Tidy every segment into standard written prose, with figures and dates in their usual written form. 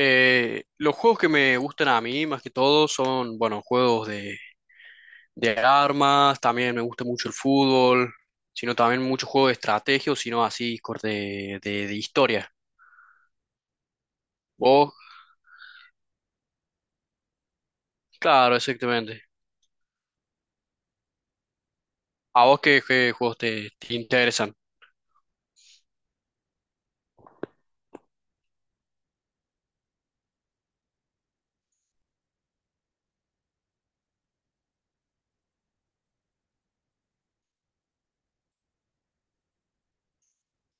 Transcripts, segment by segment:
Los juegos que me gustan a mí, más que todo, son, bueno, juegos de armas. También me gusta mucho el fútbol, sino también muchos juegos de estrategia, o sino así, de historia. ¿Vos? Claro, exactamente. ¿A vos qué juegos te interesan?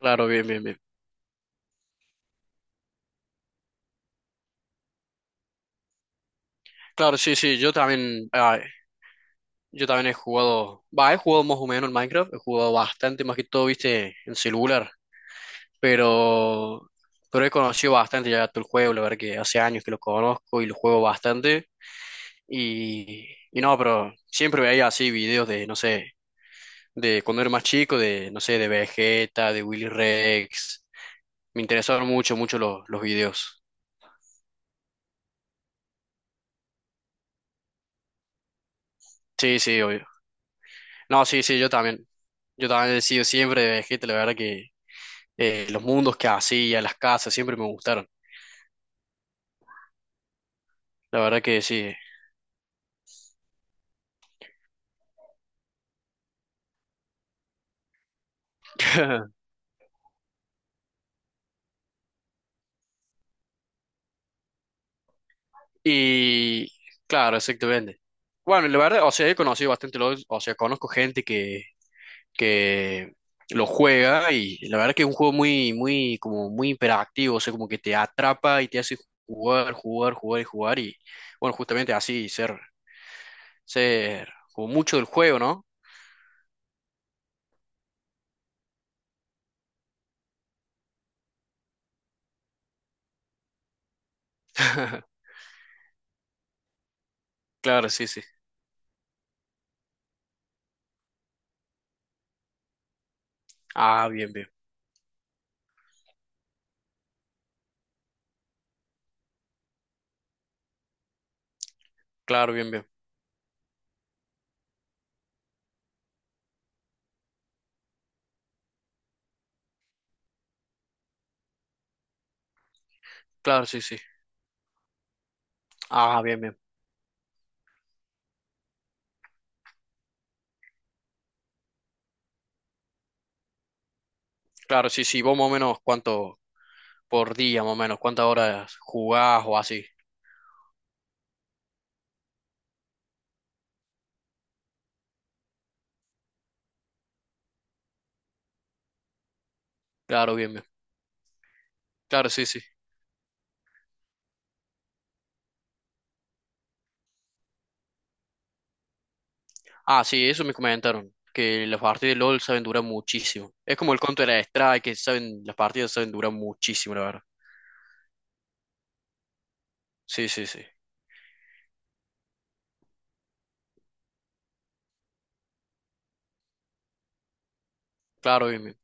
Claro, bien, bien, bien. Claro, sí, sí, yo también, ah, yo también he jugado, va, he jugado más o menos en Minecraft. He jugado bastante, más que todo, viste, en celular. pero, pero he conocido bastante ya todo el juego, la verdad que hace años que lo conozco y lo juego bastante. Y no, pero siempre veía así videos de, no sé, de cuando era más chico, de, no sé, de Vegeta, de Willy Rex. Me interesaron mucho, mucho los videos. Sí, sí, obvio. No, sí, sí, yo también. Yo también he sido siempre de Vegeta, la verdad que los mundos que hacía, las casas, siempre me gustaron. La verdad que sí. Y claro, exactamente. Bueno, la verdad, o sea, he conocido bastante LOL. O sea, conozco gente que lo juega, y la verdad que es un juego muy, muy, como muy hiperactivo. O sea, como que te atrapa y te hace jugar, jugar, jugar y jugar, y bueno, justamente así, ser como mucho del juego, ¿no? Claro, sí, sí. Ah, bien, bien. Claro, bien, bien. Claro, sí, sí. Ah, bien, bien. Claro, sí, sí. ¿Vos más o menos cuánto por día, más o menos, cuántas horas jugás o así? Claro, bien, bien. Claro, sí, sí. Ah, sí, eso me comentaron. Que las partidas de LOL saben durar muchísimo. Es como el Counter-Strike, que saben, las partidas saben durar muchísimo, la verdad. Sí, sí, sí. Claro, bien, bien.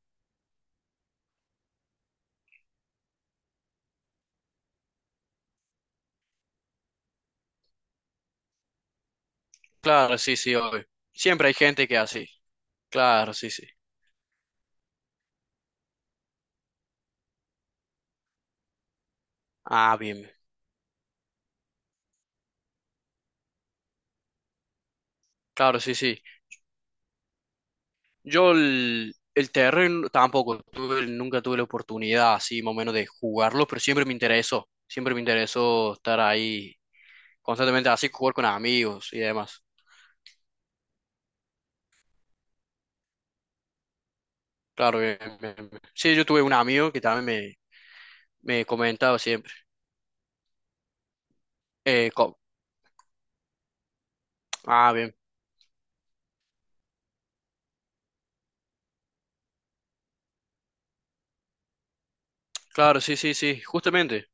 Claro, sí, sí, obvio. Siempre hay gente que así. Claro, sí, sí. Ah, bien. Claro, sí, sí. Yo el terreno tampoco tuve, nunca tuve la oportunidad así más o menos de jugarlo, pero siempre me interesó. Siempre me interesó estar ahí constantemente así, jugar con amigos y demás. Claro, bien, bien, bien. Sí, yo tuve un amigo que también me comentaba siempre. Eh, co- ah, bien. Claro, sí, sí, sí, justamente.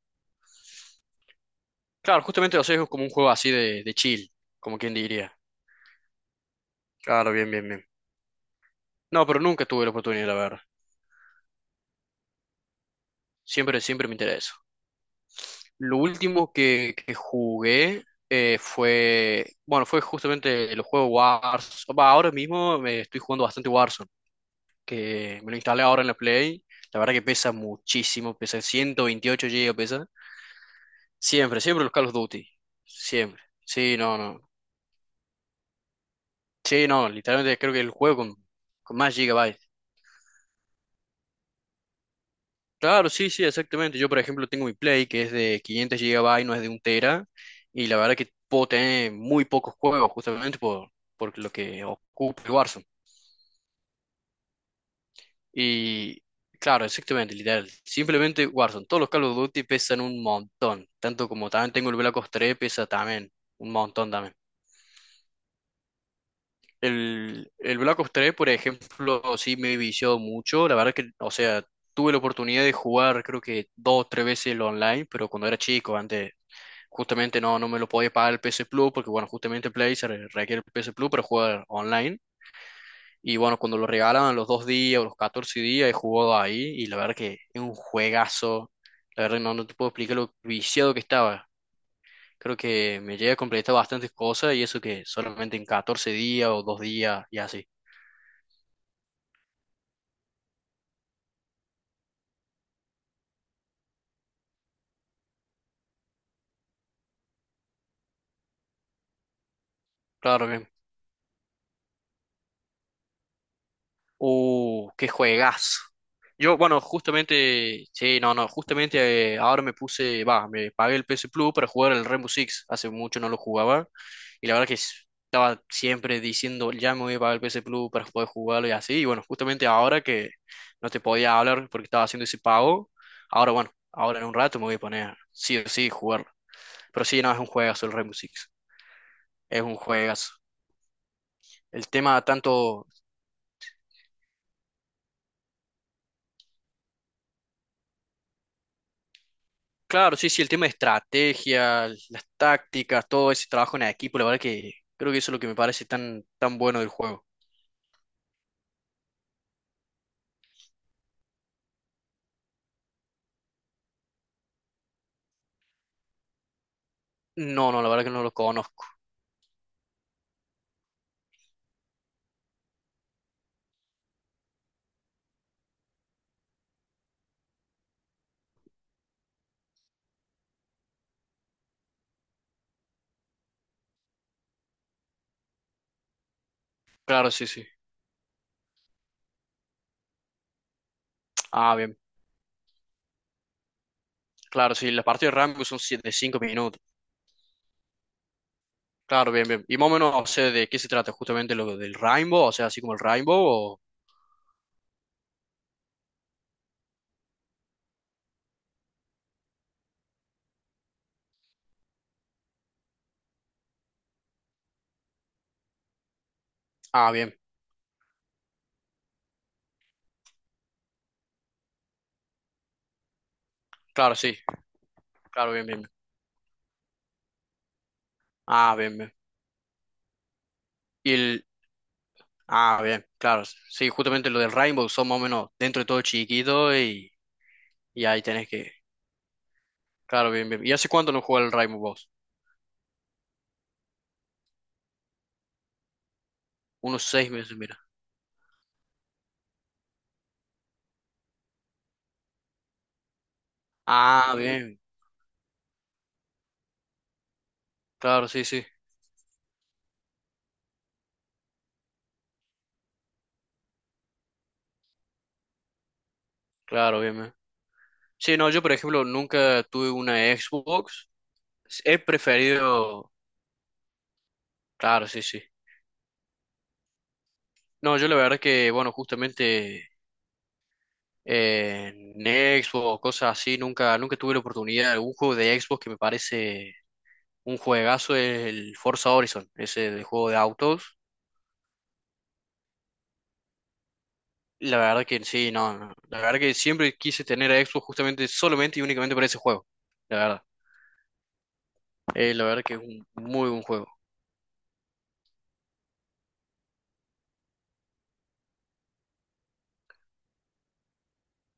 Claro, justamente, o sea, es como un juego así de chill, como quien diría. Claro, bien, bien, bien. No, pero nunca tuve la oportunidad, la verdad. Siempre, siempre me interesó. Lo último que jugué, fue, bueno, fue justamente los juegos Warzone. Va, ahora mismo me estoy jugando bastante Warzone, que me lo instalé ahora en la Play. La verdad que pesa muchísimo, pesa 128 GB, pesa. Siempre, siempre los Call of Duty. Siempre. Sí, no, no. Sí, no, literalmente creo que el juego con más gigabytes. Claro, sí, sí, exactamente. Yo, por ejemplo, tengo mi Play que es de 500 gigabytes, no es de un tera. Y la verdad que puedo tener muy pocos juegos justamente por lo que ocupa el Warzone. Y claro, exactamente, literal. Simplemente Warzone. Todos los Call of Duty pesan un montón. Tanto como también tengo el Black Ops 3, pesa también un montón también. El Black Ops 3, por ejemplo, sí me he viciado mucho. La verdad que, o sea, tuve la oportunidad de jugar creo que dos o tres veces el online, pero cuando era chico, antes justamente no, no me lo podía pagar el PS Plus, porque bueno, justamente Play se requiere el PS Plus para jugar online. Y bueno, cuando lo regalaban los 2 días o los 14 días, he jugado ahí, y la verdad que es un juegazo. La verdad que no, no te puedo explicar lo viciado que estaba. Creo que me llegué a completar bastantes cosas, y eso que solamente en 14 días o 2 días y así. Claro que. ¡Qué juegazo! Yo, bueno, justamente, sí, no, no, justamente, ahora me puse, va, me pagué el PS Plus para jugar el Rainbow Six. Hace mucho no lo jugaba. Y la verdad que estaba siempre diciendo, ya me voy a pagar el PS Plus para poder jugarlo y así. Y bueno, justamente ahora que no te podía hablar porque estaba haciendo ese pago, ahora, bueno, ahora en un rato me voy a poner, sí o sí, jugarlo. Pero sí, no, es un juegazo el Rainbow Six. Es un juegazo. El tema tanto. Claro, sí, sí, el tema de estrategia, las tácticas, todo ese trabajo en equipo, la verdad que creo que eso es lo que me parece tan, tan bueno del juego. No, no, la verdad que no lo conozco. Claro, sí, sí. Ah, bien. Claro, sí, las partidas de Rainbow son siete de 5 minutos. Claro, bien, bien. Y más o menos, o sea, ¿de qué se trata? Justamente lo del Rainbow, o sea, así como el Rainbow, o... Ah, bien. Claro, sí. Claro, bien, bien. Bien. Ah, bien, bien. Y el... Ah, bien, claro. Sí, justamente lo del Rainbow son más o menos dentro de todo chiquito, y ahí tenés que. Claro, bien, bien. ¿Y hace cuánto no juega el Rainbow Boss? Unos 6 meses, mira. Ah, bien. Claro, sí, sí. Claro, bien, bien. Sí, no, yo, por ejemplo, nunca tuve una Xbox. He preferido... Claro, sí, sí. No, yo la verdad que, bueno, justamente, en Xbox, cosas así, nunca, nunca tuve la oportunidad. Un juego de Xbox que me parece un juegazo es el Forza Horizon, ese del juego de autos. La verdad que sí, no, no. La verdad que siempre quise tener a Xbox justamente, solamente y únicamente para ese juego. La verdad. La verdad que es un muy buen juego.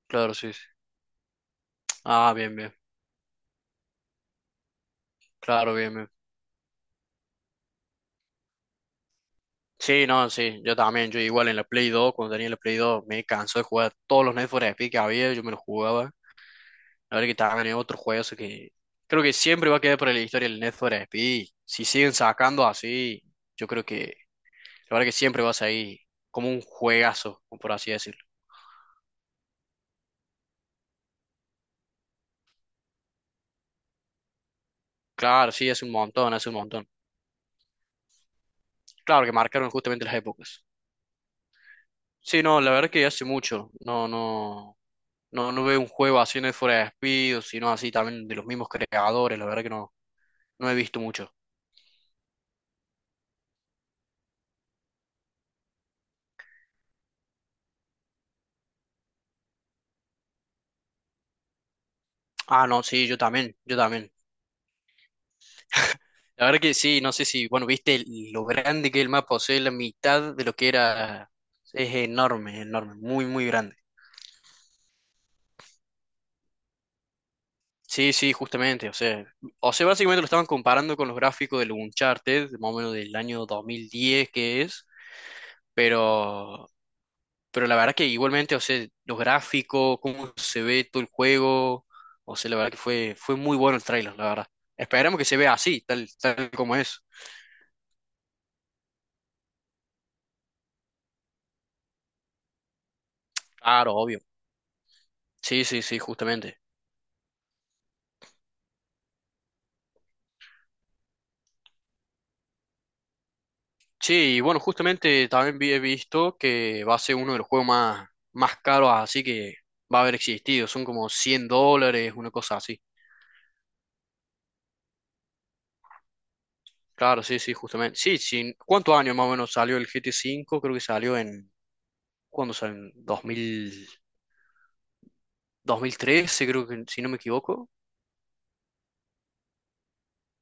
Claro, sí, sí. Ah, bien, bien. Claro, bien, bien. Sí, no, sí. Yo también. Yo igual en la Play 2, cuando tenía la Play 2, me cansó de jugar todos los Need for Speed que había. Yo me los jugaba. La verdad que también es otro juego que creo que siempre va a quedar para la historia el Need for Speed. Si siguen sacando así, yo creo que la verdad que siempre va a seguir como un juegazo, por así decirlo. Claro, sí, hace un montón, hace un montón. Claro que marcaron justamente las épocas. Sí, no, la verdad que hace mucho. No, no, no, no veo un juego así, no es fuera de despido, sino así también de los mismos creadores. La verdad que no, no he visto mucho. Ah, no, sí, yo también, yo también. La verdad que sí, no sé si, bueno, viste lo grande que es el mapa, o sea, la mitad de lo que era, es enorme, enorme, muy, muy grande. Sí, sí, justamente, o sea, básicamente lo estaban comparando con los gráficos del Uncharted, más o menos del año 2010 que es, pero, pero la verdad que igualmente, o sea, los gráficos, cómo se ve todo el juego, o sea, la verdad que fue muy bueno el tráiler, la verdad. Esperemos que se vea así, tal como es. Claro, obvio. Sí, sí, sí, justamente. Sí, y bueno, justamente también he visto que va a ser uno de los juegos más, más caros, así que va a haber existido. Son como $100, una cosa así. Claro, sí, sí, justamente. Sí, sí. ¿Cuántos años más o menos salió el GT V? Creo que salió en... ¿Cuándo salió? En 2000, 2013, creo que, si no me equivoco.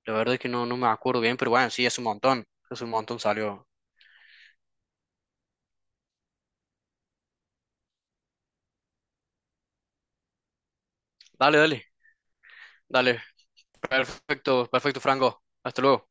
La verdad es que no, no me acuerdo bien, pero bueno, sí, es un montón. Es un montón salió. Dale, dale, dale. Perfecto, perfecto, Franco. Hasta luego.